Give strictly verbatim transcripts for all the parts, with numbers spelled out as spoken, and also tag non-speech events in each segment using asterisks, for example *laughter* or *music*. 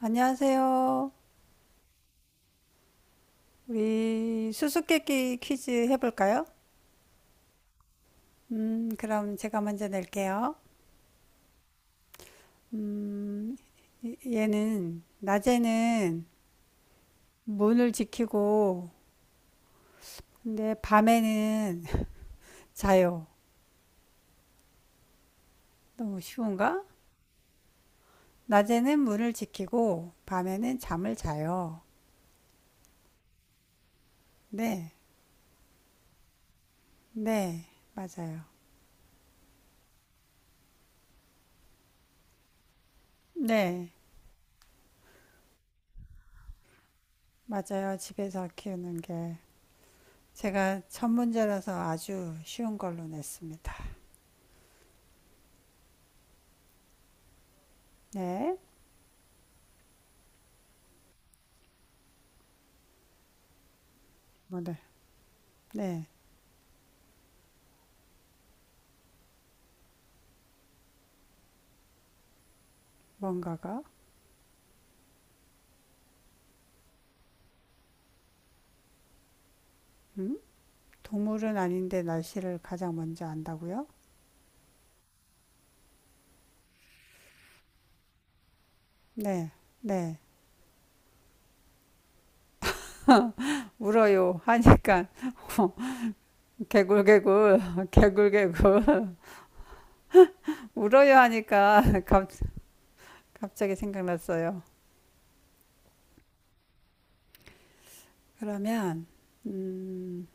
안녕하세요. 우리 수수께끼 퀴즈 해볼까요? 음, 그럼 제가 먼저 낼게요. 음, 얘는 낮에는 문을 지키고, 근데 밤에는 *laughs* 자요. 너무 쉬운가? 낮에는 문을 지키고, 밤에는 잠을 자요. 네, 네, 맞아요. 네, 맞아요. 집에서 키우는 게. 제가 첫 문제라서 아주 쉬운 걸로 냈습니다. 네, 뭐 네, 뭔가가. 동물은 아닌데 날씨를 가장 먼저 안다고요? 네, 네. 울어요 하니까 *laughs* 개굴개굴, *laughs* 개굴개굴. *laughs* 울어요 하니까 *laughs* 갑, 갑자기 생각났어요. 그러면, 음,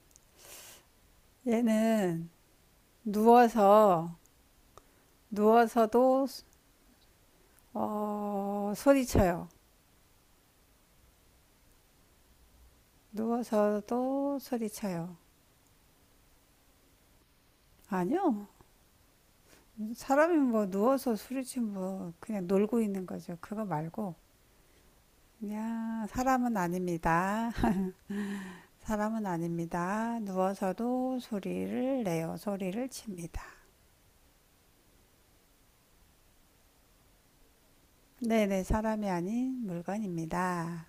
얘는 누워서, 누워서도, 어, 소리쳐요. 누워서도 소리쳐요. 아니요. 사람이 뭐 누워서 소리치면 뭐 그냥 놀고 있는 거죠. 그거 말고 야, 사람은 아닙니다. *laughs* 사람은 아닙니다. 누워서도 소리를 내요. 소리를 칩니다. 네네, 사람이 아닌 물건입니다.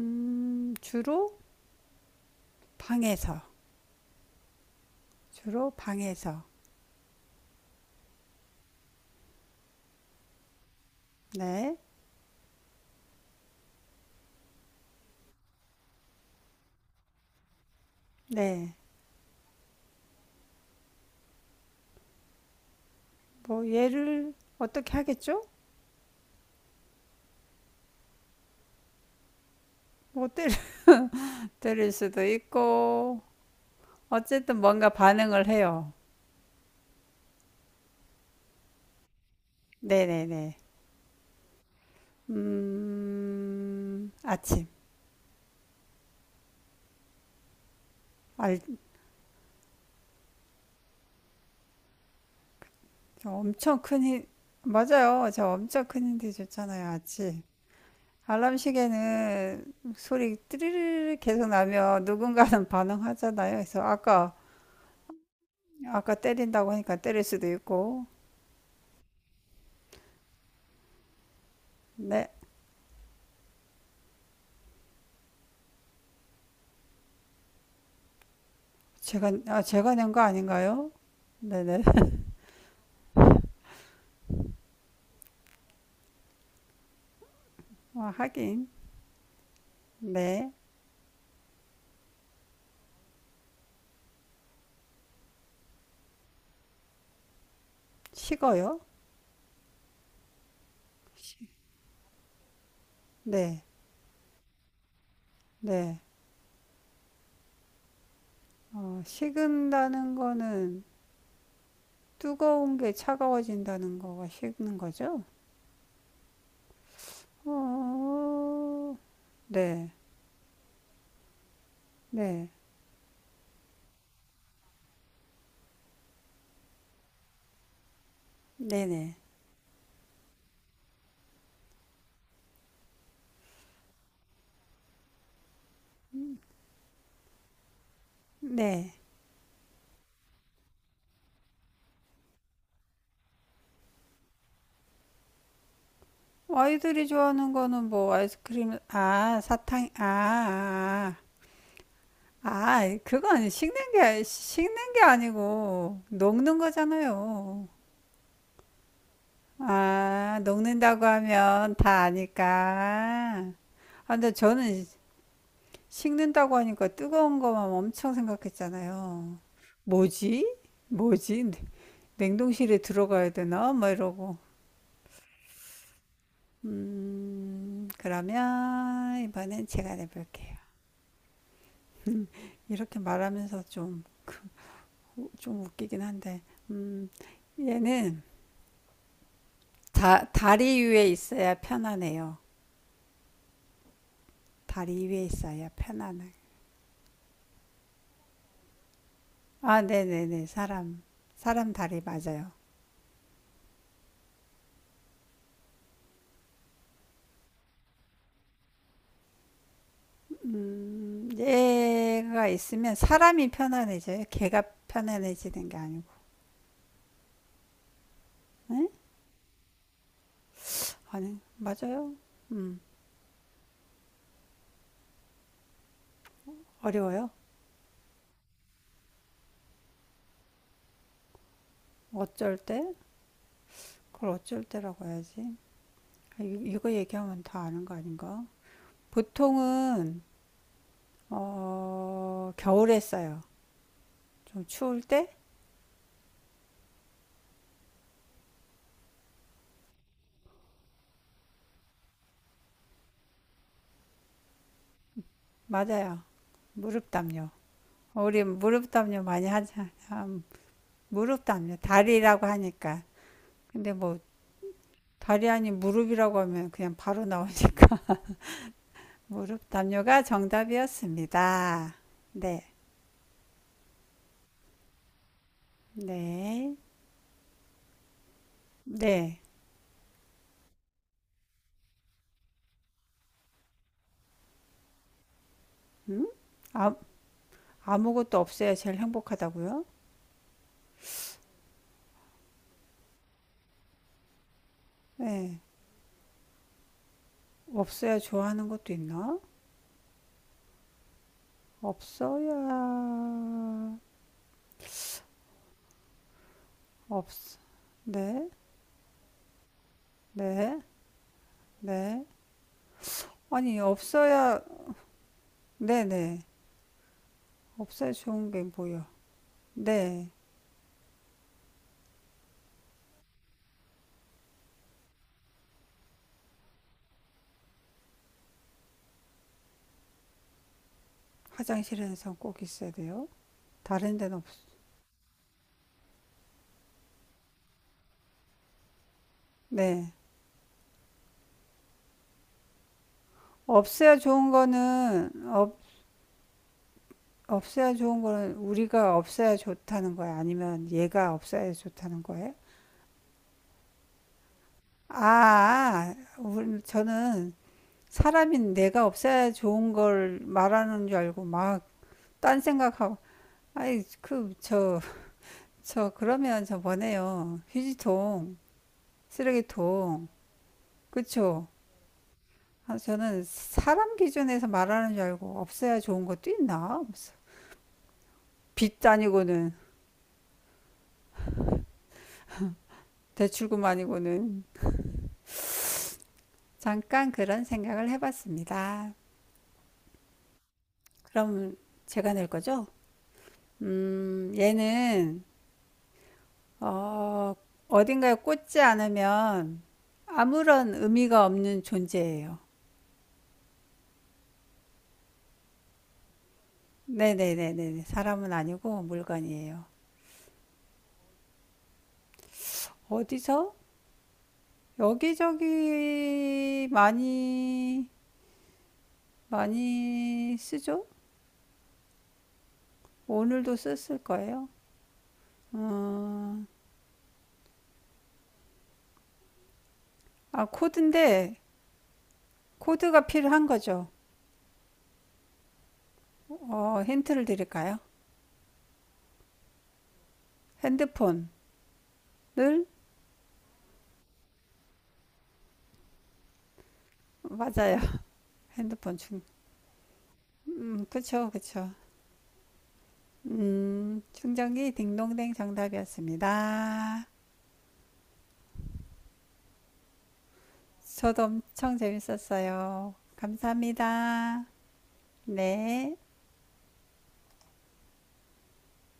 음, 주로 방에서. 주로 방에서. 네. 네. 뭐, 얘를 어떻게 하겠죠? 뭐, 때릴, *laughs* 때릴 수도 있고, 어쨌든 뭔가 반응을 해요. 네네네. 음, 아침. 알 저 엄청 큰 힌, 맞아요. 저 엄청 큰 힌트 줬잖아요, 아침. 알람 시계는 소리 띠르르 계속 나면 누군가는 *laughs* 반응하잖아요. 그래서 아까, 아까 때린다고 하니까 때릴 수도 있고. 네. 제가, 아, 제가 낸 거 아닌가요? 네네. 아, 하긴. 네. 식어요? 네. 네. 어, 식은다는 거는 뜨거운 게 차가워진다는 거가 식는 거죠? 어, 네. 네, 네네, 네. 아이들이 좋아하는 거는 뭐 아이스크림, 아, 사탕, 아, 아, 아, 그건 식는 게, 식는 게 아니고 녹는 거잖아요. 아, 녹는다고 하면 다 아니까. 아, 근데 저는 식는다고 하니까 뜨거운 거만 엄청 생각했잖아요. 뭐지? 뭐지? 냉동실에 들어가야 되나? 막 이러고. 음, 그러면 이번엔 제가 내볼게요. 이렇게 말하면서 좀, 좀 웃기긴 한데, 음, 얘는 다, 다리 위에 있어야 편안해요. 다리 위에 있어야 편안해. 아, 네네네. 사람. 사람 다리 맞아요. 음, 얘가 있으면 사람이 편안해져요. 걔가 편안해지는 게 아니고. 응? 아니, 맞아요. 음, 어려워요. 어쩔 때? 그걸 어쩔 때라고 해야지. 아, 이- 거 얘기하면 다 아는 거 아닌가? 보통은 어, 겨울에 써요. 좀 추울 때? 맞아요. 무릎 담요. 우리 무릎 담요 많이 하잖아. 무릎 담요. 다리라고 하니까. 근데 뭐 다리 아닌 무릎이라고 하면 그냥 바로 나오니까. *laughs* 무릎 담요가 정답이었습니다. 네. 네. 네. 음? 아, 아무것도 없어야 제일 행복하다고요? 네. 없어야 좋아하는 것도 있나? 없어야 없 네, 네, 네. 아니 없어야 네, 네. 없어야 좋은 게 뭐야? 네. 화장실에서 꼭 있어야 돼요. 다른 데는 없. 네. 없어야 좋은 거는 없 없어야 좋은 거는 우리가 없어야 좋다는 거야? 아니면 얘가 없어야 좋다는 거예요? 아, 우리- 저는 사람인 내가 없어야 좋은 걸 말하는 줄 알고 막 딴 생각하고 아이, 그, 저, 저, 그러면 저번에요. 휴지통, 쓰레기통, 그쵸? 아, 저는 사람 기준에서 말하는 줄 알고 없어야 좋은 것도 있나? 없어. 빚 아니고는, 대출금 아니고는. 잠깐 그런 생각을 해봤습니다. 그럼 제가 낼 거죠? 음, 얘는, 어, 어딘가에 꽂지 않으면 아무런 의미가 없는 존재예요. 네네네네. 사람은 아니고 물건이에요. 어디서? 여기저기 많이, 많이 쓰죠? 오늘도 썼을 거예요. 어, 아, 코드인데, 코드가 필요한 거죠. 어, 힌트를 드릴까요? 핸드폰을, 맞아요. *laughs* 핸드폰 충, 음, 그쵸, 그쵸. 음, 충전기 딩동댕 정답이었습니다. 저도 엄청 재밌었어요. 감사합니다. 네.